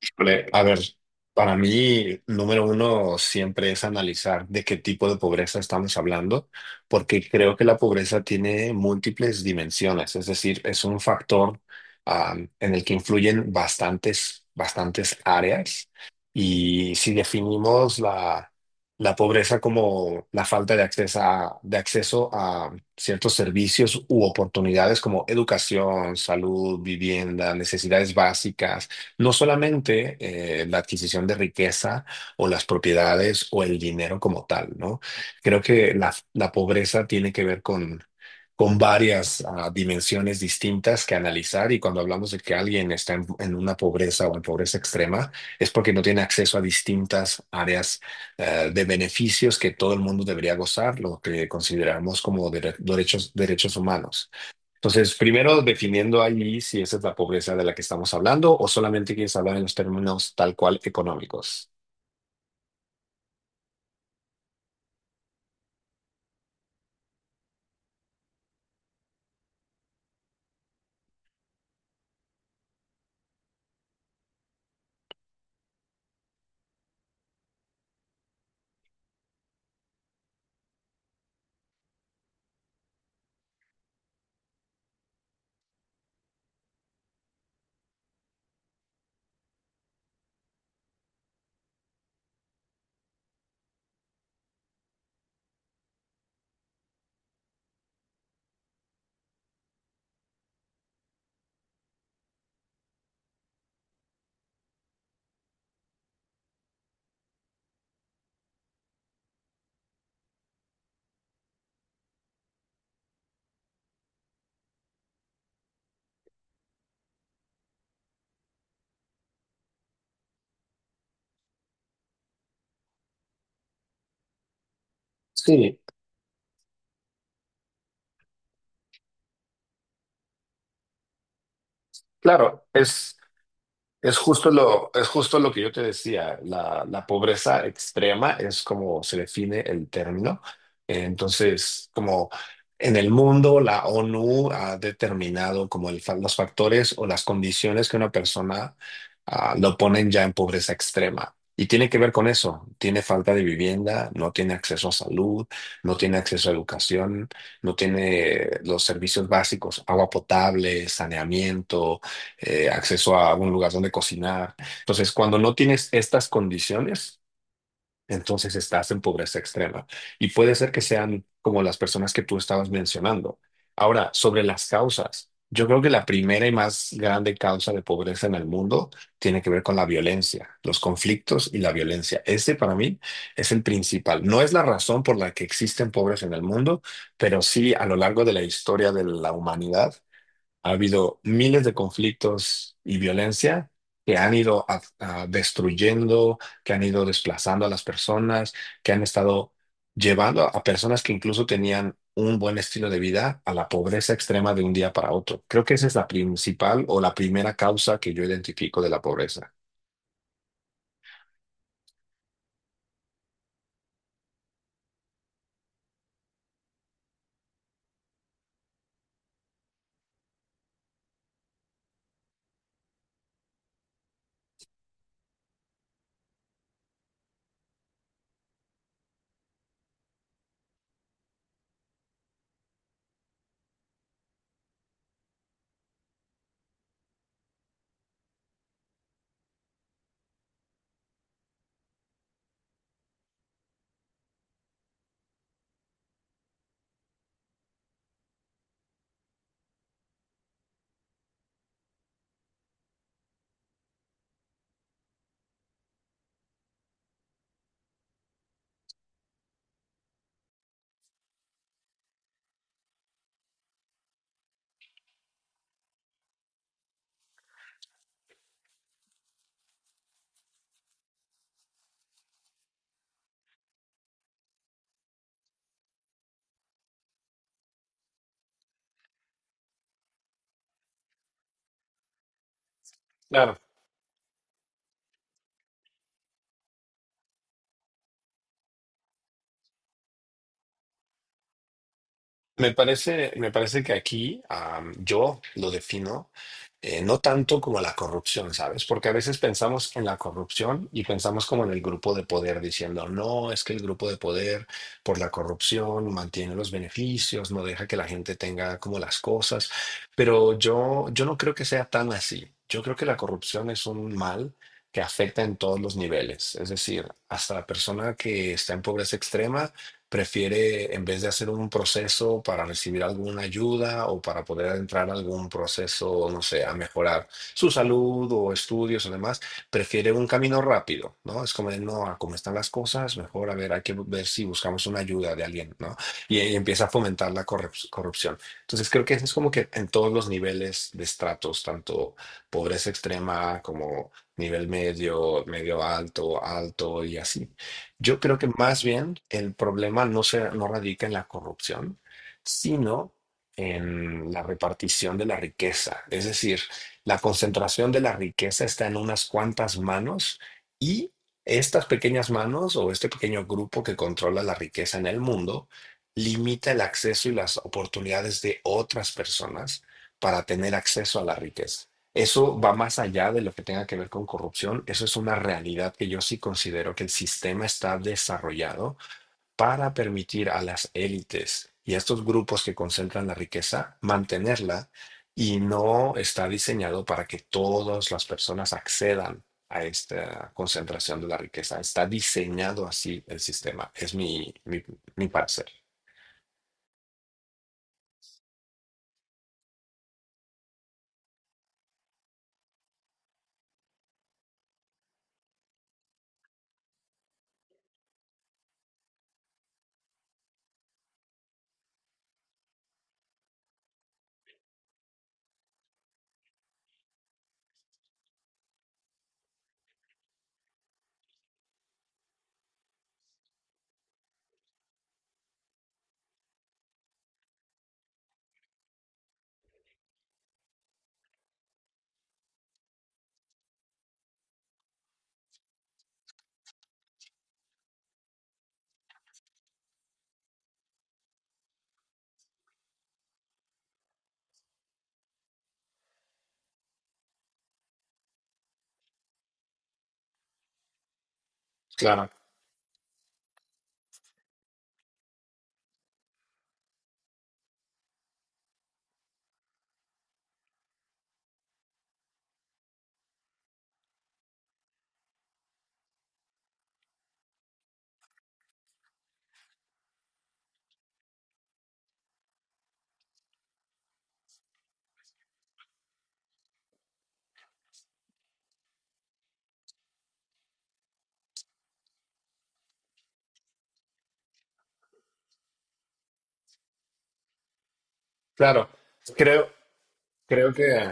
Híjole, a ver, para mí, número uno siempre es analizar de qué tipo de pobreza estamos hablando, porque creo que la pobreza tiene múltiples dimensiones, es decir, es un factor, en el que influyen bastantes áreas. Y si definimos la pobreza como la falta de de acceso a ciertos servicios u oportunidades como educación, salud, vivienda, necesidades básicas, no solamente la adquisición de riqueza o las propiedades o el dinero como tal, ¿no? Creo que la pobreza tiene que ver con varias dimensiones distintas que analizar, y cuando hablamos de que alguien está en una pobreza o en pobreza extrema es porque no tiene acceso a distintas áreas de beneficios que todo el mundo debería gozar, lo que consideramos como derechos, derechos humanos. Entonces, primero definiendo ahí si esa es la pobreza de la que estamos hablando o solamente quieres hablar en los términos tal cual económicos. Sí, claro, es justo lo, es justo lo que yo te decía, la pobreza extrema es como se define el término. Entonces, como en el mundo, la ONU ha determinado como los factores o las condiciones que una persona lo ponen ya en pobreza extrema. Y tiene que ver con eso: tiene falta de vivienda, no tiene acceso a salud, no tiene acceso a educación, no tiene los servicios básicos, agua potable, saneamiento, acceso a un lugar donde cocinar. Entonces, cuando no tienes estas condiciones, entonces estás en pobreza extrema. Y puede ser que sean como las personas que tú estabas mencionando. Ahora, sobre las causas, yo creo que la primera y más grande causa de pobreza en el mundo tiene que ver con la violencia, los conflictos y la violencia. Ese para mí es el principal. No es la razón por la que existen pobres en el mundo, pero sí a lo largo de la historia de la humanidad ha habido miles de conflictos y violencia que han ido a destruyendo, que han ido desplazando a las personas, que han estado llevando a personas que incluso tenían un buen estilo de vida a la pobreza extrema de un día para otro. Creo que esa es la principal o la primera causa que yo identifico de la pobreza. Claro. Me parece que aquí yo lo defino no tanto como la corrupción, ¿sabes? Porque a veces pensamos en la corrupción y pensamos como en el grupo de poder, diciendo, no, es que el grupo de poder por la corrupción mantiene los beneficios, no deja que la gente tenga como las cosas, pero yo no creo que sea tan así. Yo creo que la corrupción es un mal que afecta en todos los niveles, es decir, hasta la persona que está en pobreza extrema prefiere, en vez de hacer un proceso para recibir alguna ayuda o para poder entrar a algún proceso, no sé, a mejorar su salud o estudios o demás, prefiere un camino rápido, ¿no? Es como, de, no, a cómo están las cosas, mejor, a ver, hay que ver si buscamos una ayuda de alguien, ¿no? Y empieza a fomentar la corrupción. Entonces, creo que eso es como que en todos los niveles de estratos, tanto pobreza extrema como nivel medio, medio alto, alto y así. Yo creo que más bien el problema no radica en la corrupción, sino en la repartición de la riqueza. Es decir, la concentración de la riqueza está en unas cuantas manos, y estas pequeñas manos o este pequeño grupo que controla la riqueza en el mundo limita el acceso y las oportunidades de otras personas para tener acceso a la riqueza. Eso va más allá de lo que tenga que ver con corrupción. Eso es una realidad. Que yo sí considero que el sistema está desarrollado para permitir a las élites y a estos grupos que concentran la riqueza mantenerla, y no está diseñado para que todas las personas accedan a esta concentración de la riqueza. Está diseñado así el sistema. Es mi parecer. Claro, claro. Creo, creo que...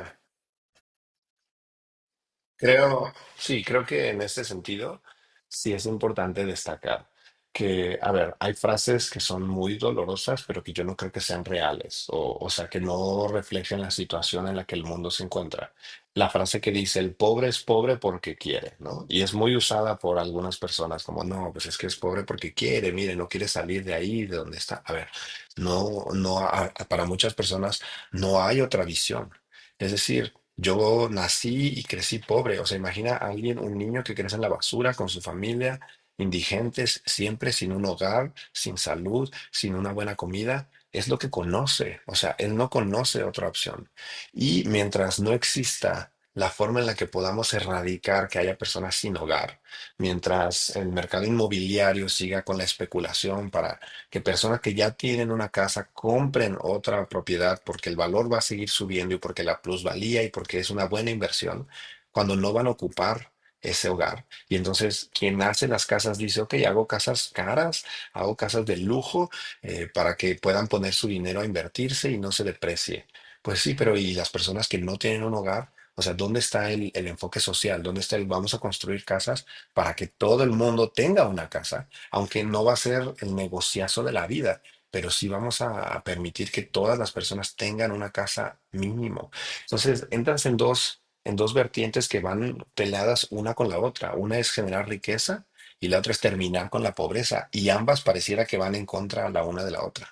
Creo, sí, creo que en este sentido sí es importante destacar que, a ver, hay frases que son muy dolorosas, pero que yo no creo que sean reales, o sea, que no reflejen la situación en la que el mundo se encuentra. La frase que dice, el pobre es pobre porque quiere, ¿no? Y es muy usada por algunas personas como, no, pues es que es pobre porque quiere, mire, no quiere salir de ahí, de donde está. A ver, no, no, para muchas personas no hay otra visión. Es decir, yo nací y crecí pobre. O sea, imagina a alguien, un niño que crece en la basura con su familia, indigentes, siempre sin un hogar, sin salud, sin una buena comida. Es lo que conoce. O sea, él no conoce otra opción. Y mientras no exista la forma en la que podamos erradicar que haya personas sin hogar, mientras el mercado inmobiliario siga con la especulación para que personas que ya tienen una casa compren otra propiedad porque el valor va a seguir subiendo y porque la plusvalía y porque es una buena inversión cuando no van a ocupar ese hogar. Y entonces quien hace las casas dice, ok, hago casas caras, hago casas de lujo, para que puedan poner su dinero a invertirse y no se deprecie. Pues sí, pero ¿y las personas que no tienen un hogar? O sea, ¿dónde está el enfoque social? ¿Dónde está el vamos a construir casas para que todo el mundo tenga una casa? Aunque no va a ser el negociazo de la vida, pero sí vamos a permitir que todas las personas tengan una casa mínimo. Entonces, entras en dos vertientes que van peladas una con la otra. Una es generar riqueza y la otra es terminar con la pobreza, y ambas pareciera que van en contra la una de la otra.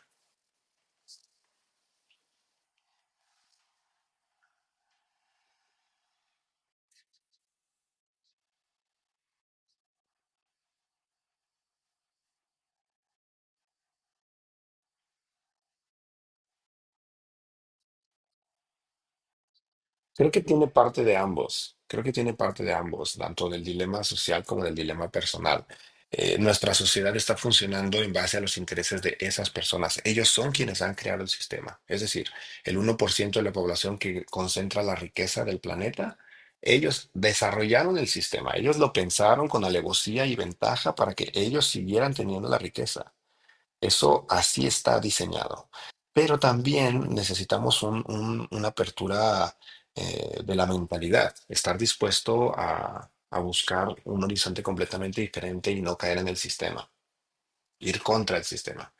Creo que tiene parte de ambos, tanto del dilema social como del dilema personal. Nuestra sociedad está funcionando en base a los intereses de esas personas. Ellos son quienes han creado el sistema. Es decir, el 1% de la población que concentra la riqueza del planeta, ellos desarrollaron el sistema. Ellos lo pensaron con alevosía y ventaja para que ellos siguieran teniendo la riqueza. Eso así está diseñado. Pero también necesitamos una apertura, de la mentalidad, estar dispuesto a buscar un horizonte completamente diferente y no caer en el sistema, ir contra el sistema.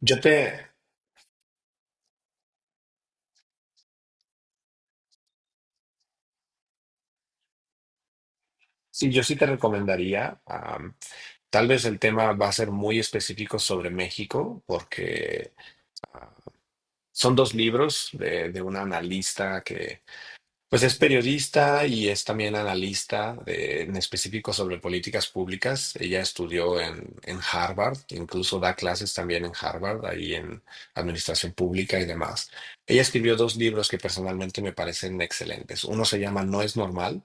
Yo te, sí, yo sí te recomendaría, tal vez el tema va a ser muy específico sobre México, porque son dos libros de una analista que pues es periodista y es también analista en específico sobre políticas públicas. Ella estudió en Harvard, incluso da clases también en Harvard, ahí en administración pública y demás. Ella escribió dos libros que personalmente me parecen excelentes. Uno se llama No es normal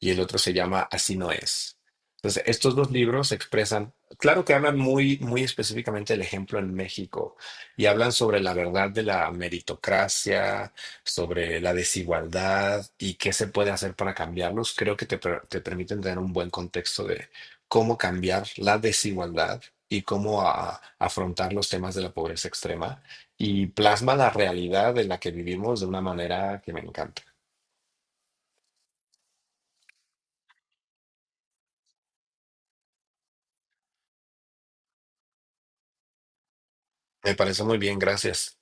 y el otro se llama Así no es. Entonces, estos dos libros expresan, claro que hablan muy, muy específicamente del ejemplo en México, y hablan sobre la verdad de la meritocracia, sobre la desigualdad y qué se puede hacer para cambiarlos. Creo que te permiten tener un buen contexto de cómo cambiar la desigualdad y cómo afrontar los temas de la pobreza extrema, y plasma la realidad en la que vivimos de una manera que me encanta. Me parece muy bien, gracias.